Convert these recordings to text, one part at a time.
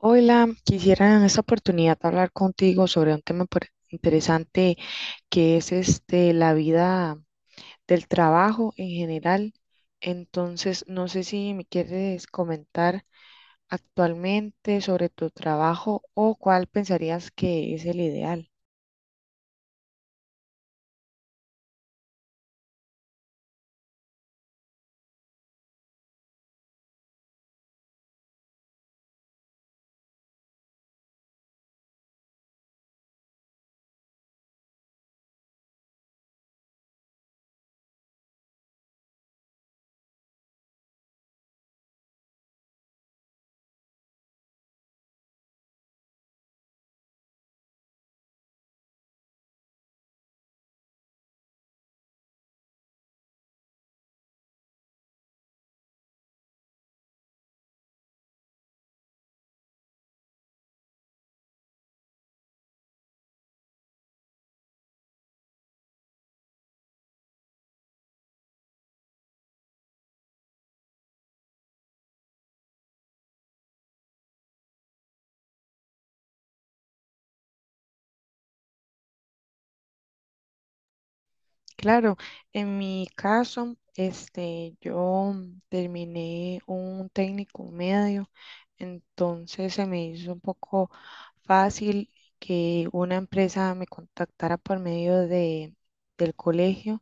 Hola, quisiera en esta oportunidad hablar contigo sobre un tema interesante que es la vida del trabajo en general. Entonces, no sé si me quieres comentar actualmente sobre tu trabajo o cuál pensarías que es el ideal. Claro, en mi caso, yo terminé un técnico medio, entonces se me hizo un poco fácil que una empresa me contactara por medio del colegio,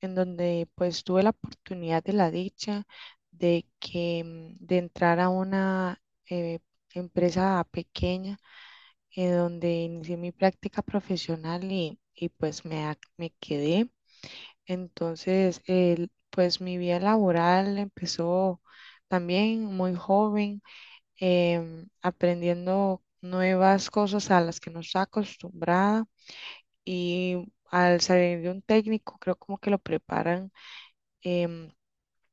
en donde pues tuve la oportunidad de la dicha de que de entrar a una eh, empresa pequeña, en donde inicié mi práctica profesional y pues me quedé. Entonces, pues mi vida laboral empezó también muy joven, aprendiendo nuevas cosas a las que no estaba acostumbrada y al salir de un técnico, creo como que lo preparan em,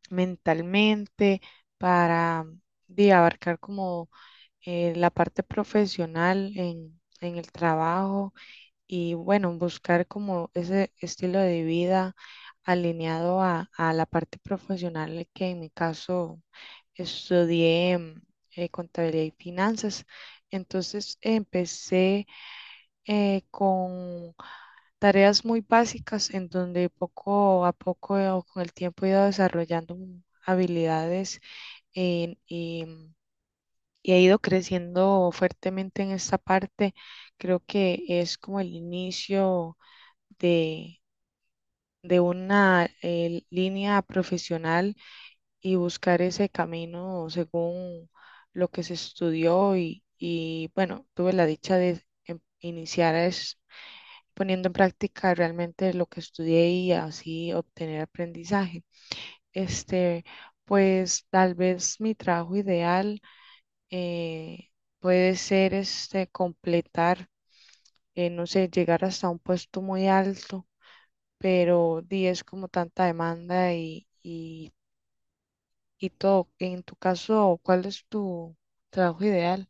mentalmente para de abarcar como la parte profesional en el trabajo y bueno, buscar como ese estilo de vida alineado a la parte profesional que en mi caso estudié contabilidad y finanzas. Entonces empecé con tareas muy básicas en donde poco a poco o con el tiempo he ido desarrollando habilidades y y he ido creciendo fuertemente en esta parte. Creo que es como el inicio de, de una línea profesional y buscar ese camino según lo que se estudió y bueno, tuve la dicha de iniciar es poniendo en práctica realmente lo que estudié y así obtener aprendizaje. Este, pues tal vez mi trabajo ideal eh, puede ser completar, no sé, llegar hasta un puesto muy alto pero di, es como tanta demanda y todo. En tu caso, ¿cuál es tu trabajo ideal?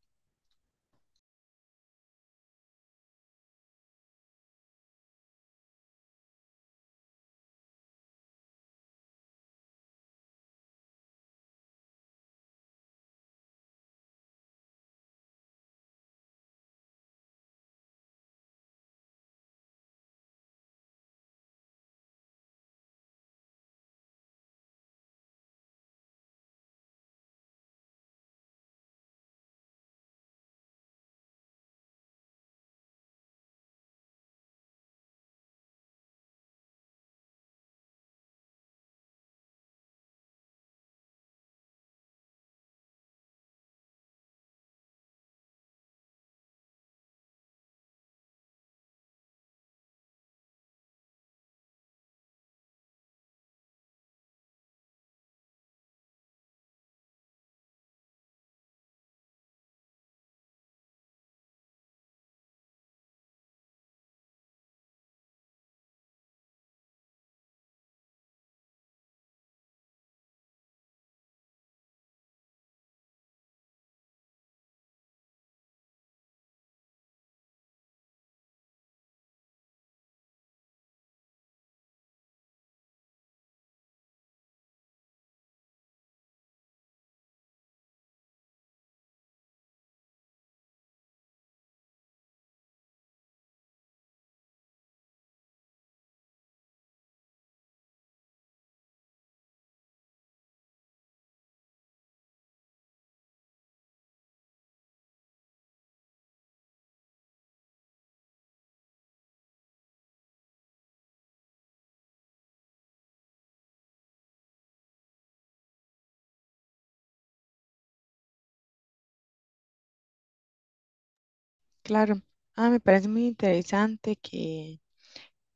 Claro, ah, me parece muy interesante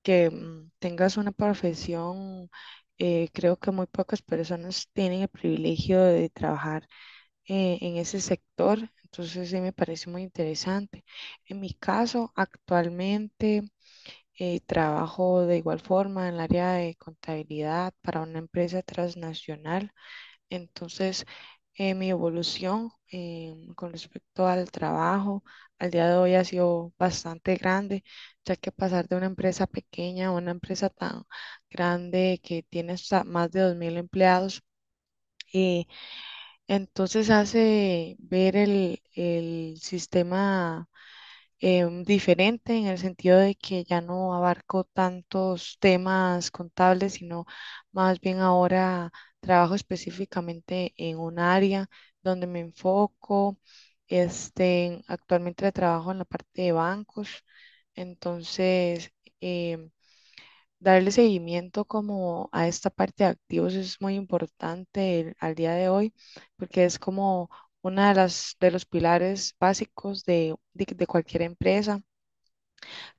que tengas una profesión. Creo que muy pocas personas tienen el privilegio de trabajar en ese sector, entonces sí me parece muy interesante. En mi caso, actualmente... Trabajo de igual forma en el área de contabilidad para una empresa transnacional. Entonces, mi evolución con respecto al trabajo al día de hoy ha sido bastante grande, ya que pasar de una empresa pequeña a una empresa tan grande que tiene hasta más de 2000 empleados. eh, entonces hace ver el sistema diferente en el sentido de que ya no abarco tantos temas contables, sino más bien ahora trabajo específicamente en un área donde me enfoco. Actualmente trabajo en la parte de bancos, entonces em, darle seguimiento como a esta parte de activos es muy importante al día de hoy porque es como una de las de los pilares básicos de cualquier empresa.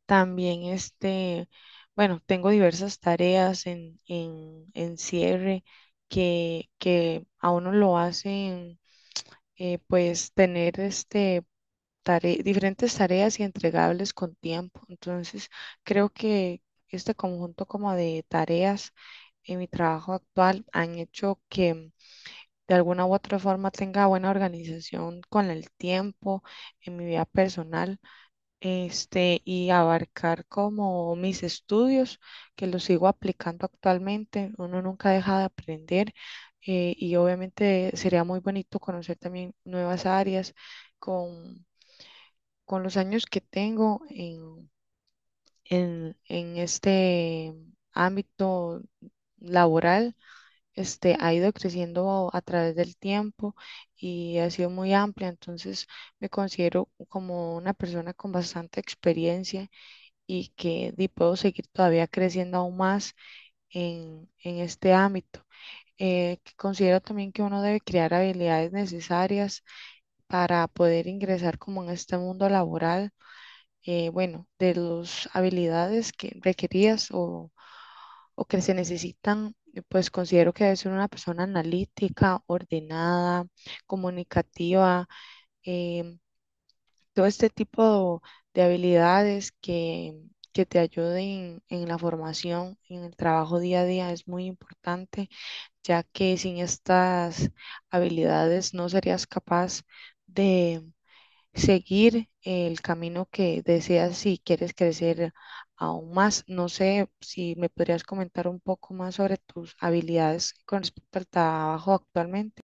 También bueno, tengo diversas tareas en cierre que a uno lo hacen pues tener diferentes tareas y entregables con tiempo. Entonces, creo que conjunto como de tareas en mi trabajo actual han hecho que de alguna u otra forma tenga buena organización con el tiempo en mi vida personal y abarcar como mis estudios, que los sigo aplicando actualmente. Uno nunca deja de aprender y obviamente sería muy bonito conocer también nuevas áreas con, con los años que tengo en este ámbito laboral. Ha ido creciendo a través del tiempo y ha sido muy amplia, entonces me considero como una persona con bastante experiencia y que di, puedo seguir todavía creciendo aún más en este ámbito. Que considero también que uno debe crear habilidades necesarias para poder ingresar como en este mundo laboral, bueno, de las habilidades que requerías o que se necesitan, pues considero que debe ser una persona analítica, ordenada, comunicativa, em, todo este tipo de habilidades que te ayuden en la formación, en el trabajo día a día es muy importante, ya que sin estas habilidades no serías capaz de seguir el camino que deseas si quieres crecer aún más. No sé si me podrías comentar un poco más sobre tus habilidades con respecto al trabajo actualmente.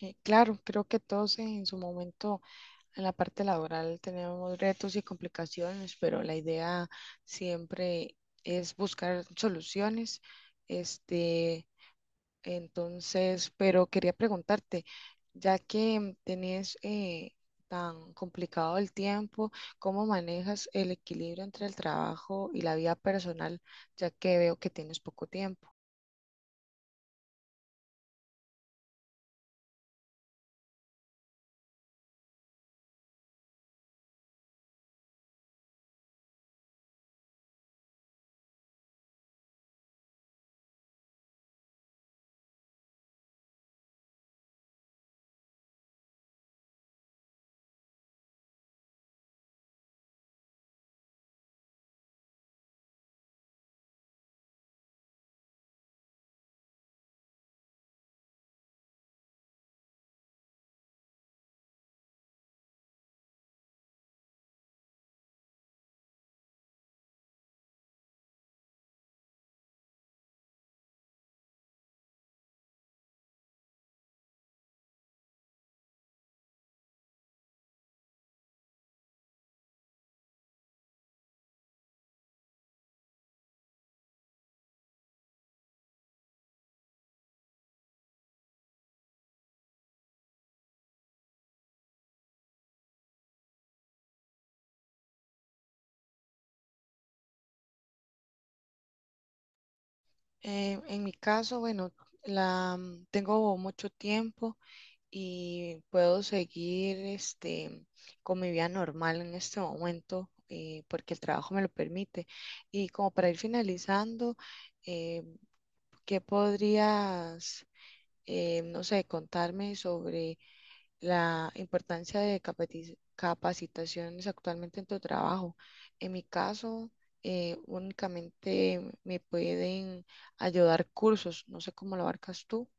Claro, creo que todos en su momento en la parte laboral tenemos retos y complicaciones, pero la idea siempre es buscar soluciones. Este, entonces, pero quería preguntarte, ya que tenés tan complicado el tiempo, ¿cómo manejas el equilibrio entre el trabajo y la vida personal, ya que veo que tienes poco tiempo? En mi caso, bueno, tengo mucho tiempo y puedo seguir con mi vida normal en este momento porque el trabajo me lo permite. Y como para ir finalizando, eh, ¿qué podrías, no sé, contarme sobre la importancia de capacitaciones actualmente en tu trabajo? En mi caso... Únicamente me pueden ayudar cursos, no sé cómo lo abarcas tú.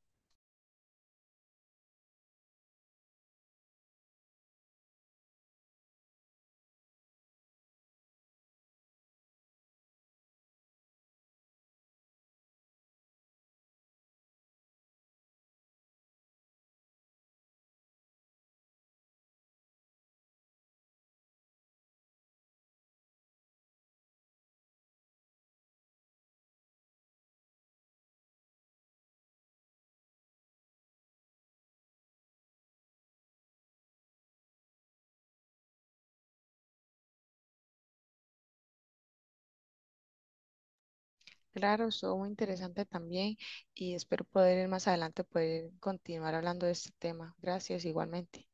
Claro, estuvo muy interesante también y espero poder ir más adelante poder continuar hablando de este tema. Gracias, igualmente.